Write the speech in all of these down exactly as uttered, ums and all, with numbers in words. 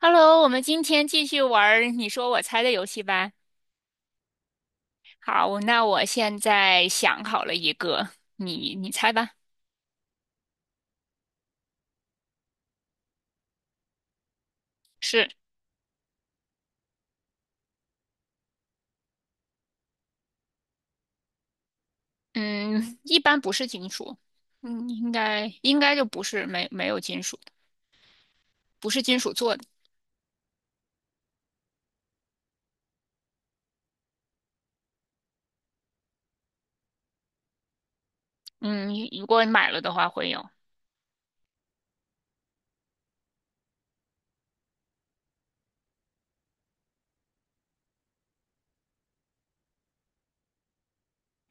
Hello，我们今天继续玩儿你说我猜的游戏吧。好，那我现在想好了一个，你你猜吧。是，嗯，一般不是金属，嗯，应该应该就不是没没有金属的，不是金属做的。嗯，如果你买了的话会有，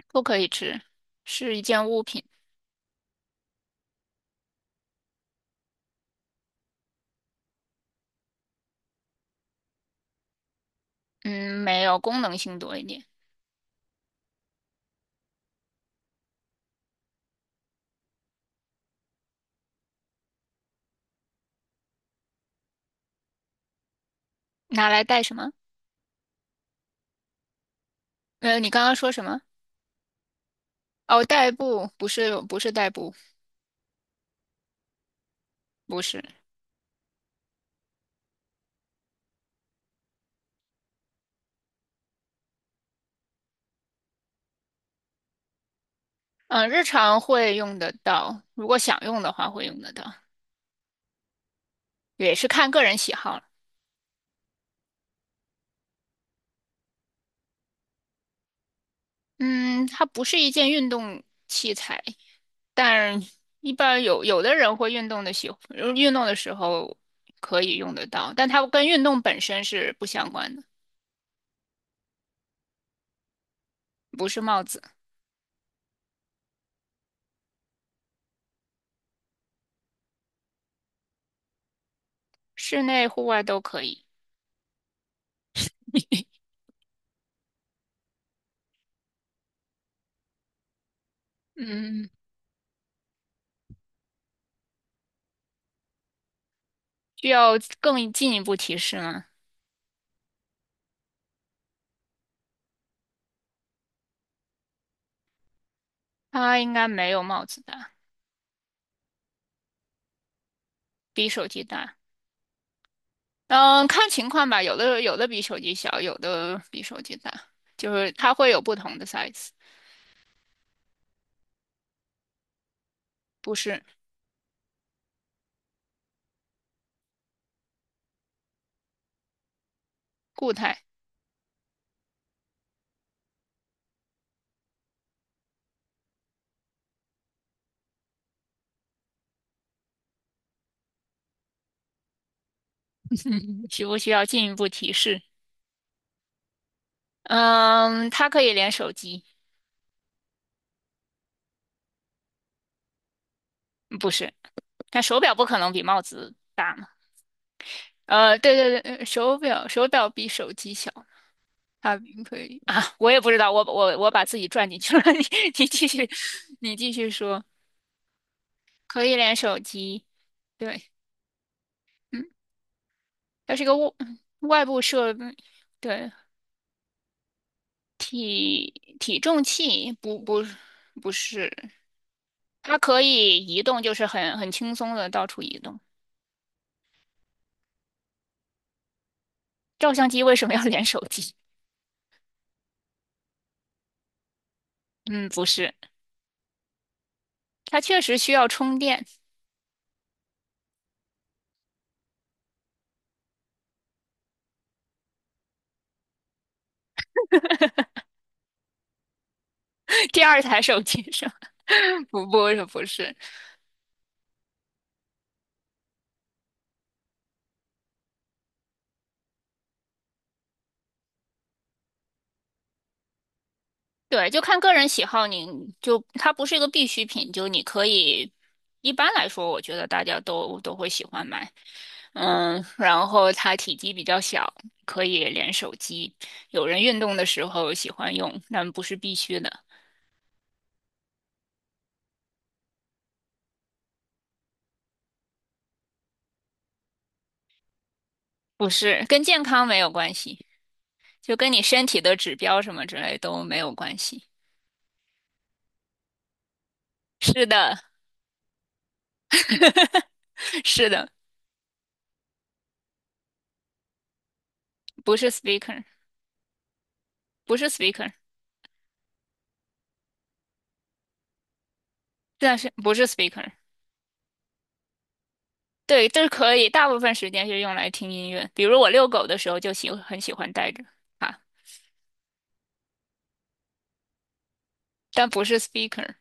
不可以吃，是一件物品。嗯，没有功能性多一点，拿来带什么？呃，你刚刚说什么？哦，代步，不是不是代步，不是。嗯，日常会用得到，如果想用的话会用得到，也是看个人喜好了。嗯，它不是一件运动器材，但一般有有的人会运动的喜，呃运动的时候可以用得到，但它跟运动本身是不相关的，不是帽子，室内户外都可以。嗯，需要更进一步提示吗？它应该没有帽子大，比手机大。嗯，看情况吧，有的有的比手机小，有的比手机大，就是它会有不同的 size，不是固态。需不需要进一步提示？嗯，它可以连手机，不是，但手表不可能比帽子大嘛。呃，对对对，呃手表手表比手机小，它可以啊，我也不知道，我我我把自己转进去了，你你继续，你继续说，可以连手机，对，嗯，它是个外外部设备。对，体体重器不不不是，它可以移动，就是很很轻松的到处移动。照相机为什么要连手机？嗯，不是，它确实需要充电。第二台手机上，不不是不是，对，就看个人喜好你，就它不是一个必需品，就你可以。一般来说，我觉得大家都都会喜欢买，嗯，然后它体积比较小，可以连手机。有人运动的时候喜欢用，但不是必须的。不是，跟健康没有关系，就跟你身体的指标什么之类都没有关系。是的，是的，不是 speaker，不是 speaker，但是不是 speaker。对，这是可以，大部分时间是用来听音乐，比如我遛狗的时候就喜很喜欢带着啊，但不是 speaker。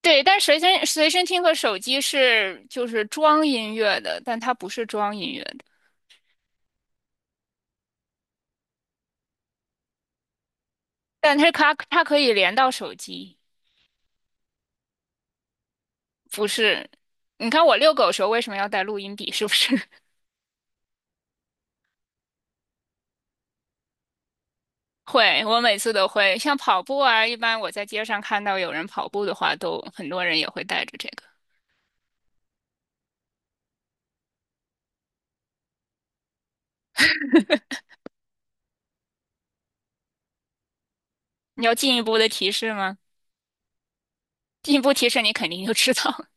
对，但随身随身听和手机是就是装音乐的，但它不是装音乐的，但它它它可以连到手机。不是，你看我遛狗的时候为什么要带录音笔？是不是 会？我每次都会，像跑步啊，一般我在街上看到有人跑步的话，都很多人也会带着这个。你要进一步的提示吗？进一步提示你肯定就知道了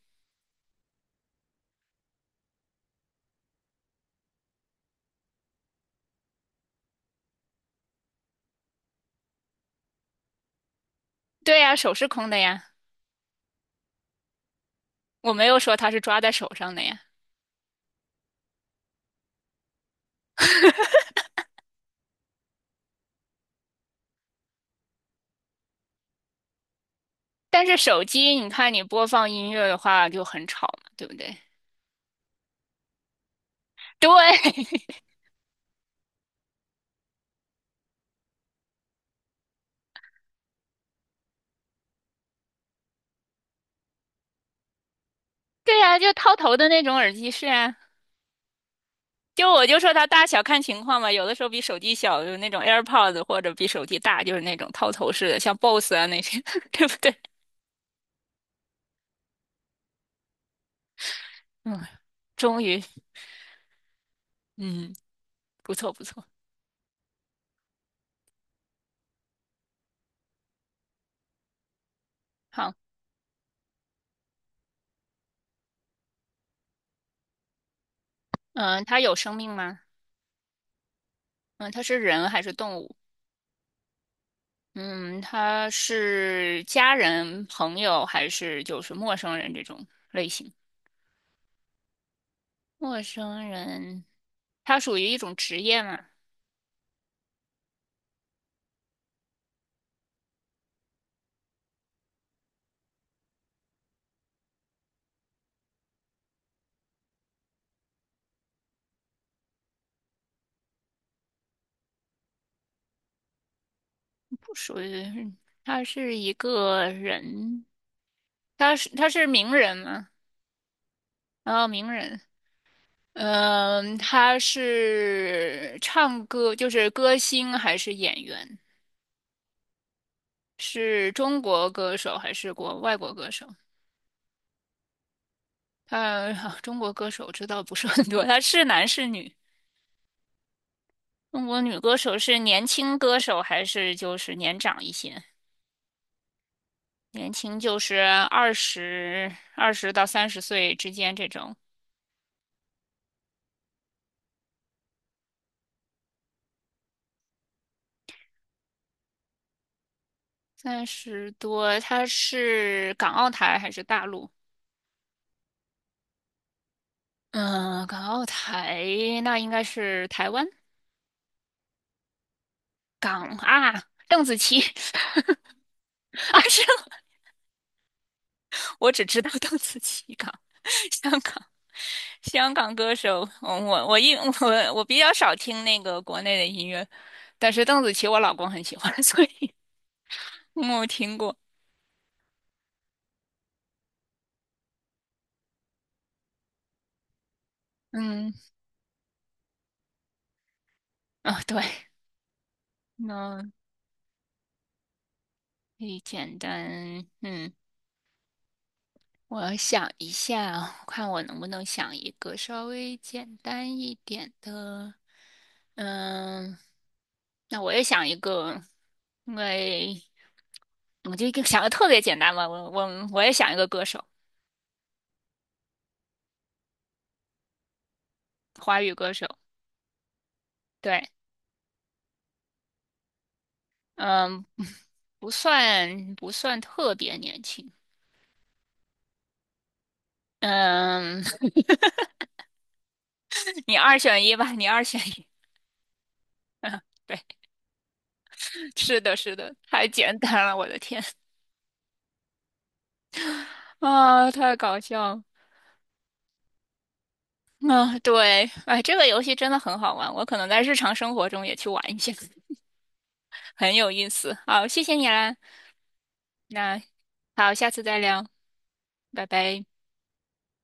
对呀，手是空的呀，我没有说它是抓在手上的呀。但是手机，你看你播放音乐的话就很吵嘛，对不对？对，对呀，就套头的那种耳机是啊。就我就说它大小看情况吧，有的时候比手机小，就是那种 AirPods，或者比手机大，就是那种套头式的，像 boss 啊那些，对不对？嗯，终于，嗯，不错不错。好，嗯，它有生命吗？嗯，它是人还是动物？嗯，它是家人、朋友还是就是陌生人这种类型？陌生人，它属于一种职业吗？不属于，它是一个人，他是他是名人吗？然后名人，嗯，他是唱歌，就是歌星还是演员？是中国歌手还是国外国歌手？他、中国歌手知道不是很多，他是男是女？中国女歌手是年轻歌手还是就是年长一些？年轻就是二十二十到三十岁之间这种，三十多。他是港澳台还是大陆？嗯，港澳台那应该是台湾。港啊，邓紫棋 啊，是我只知道邓紫棋港，香港，香港歌手。嗯我我一我我比较少听那个国内的音乐，但是邓紫棋我老公很喜欢，所以嗯我听过。嗯，啊、对，那可以简单。嗯，我想一下，看我能不能想一个稍微简单一点的。嗯，那我也想一个，因为我就一个想的特别简单嘛，我我我也想一个歌手，华语歌手，对，嗯，不算不算特别年轻，嗯，你二选一吧，你二选一，嗯，对，是的，是的，太简单了，我的天啊，太搞笑了。啊，对，哎，这个游戏真的很好玩，我可能在日常生活中也去玩一下，很有意思。好，谢谢你啦，那好，下次再聊，拜拜。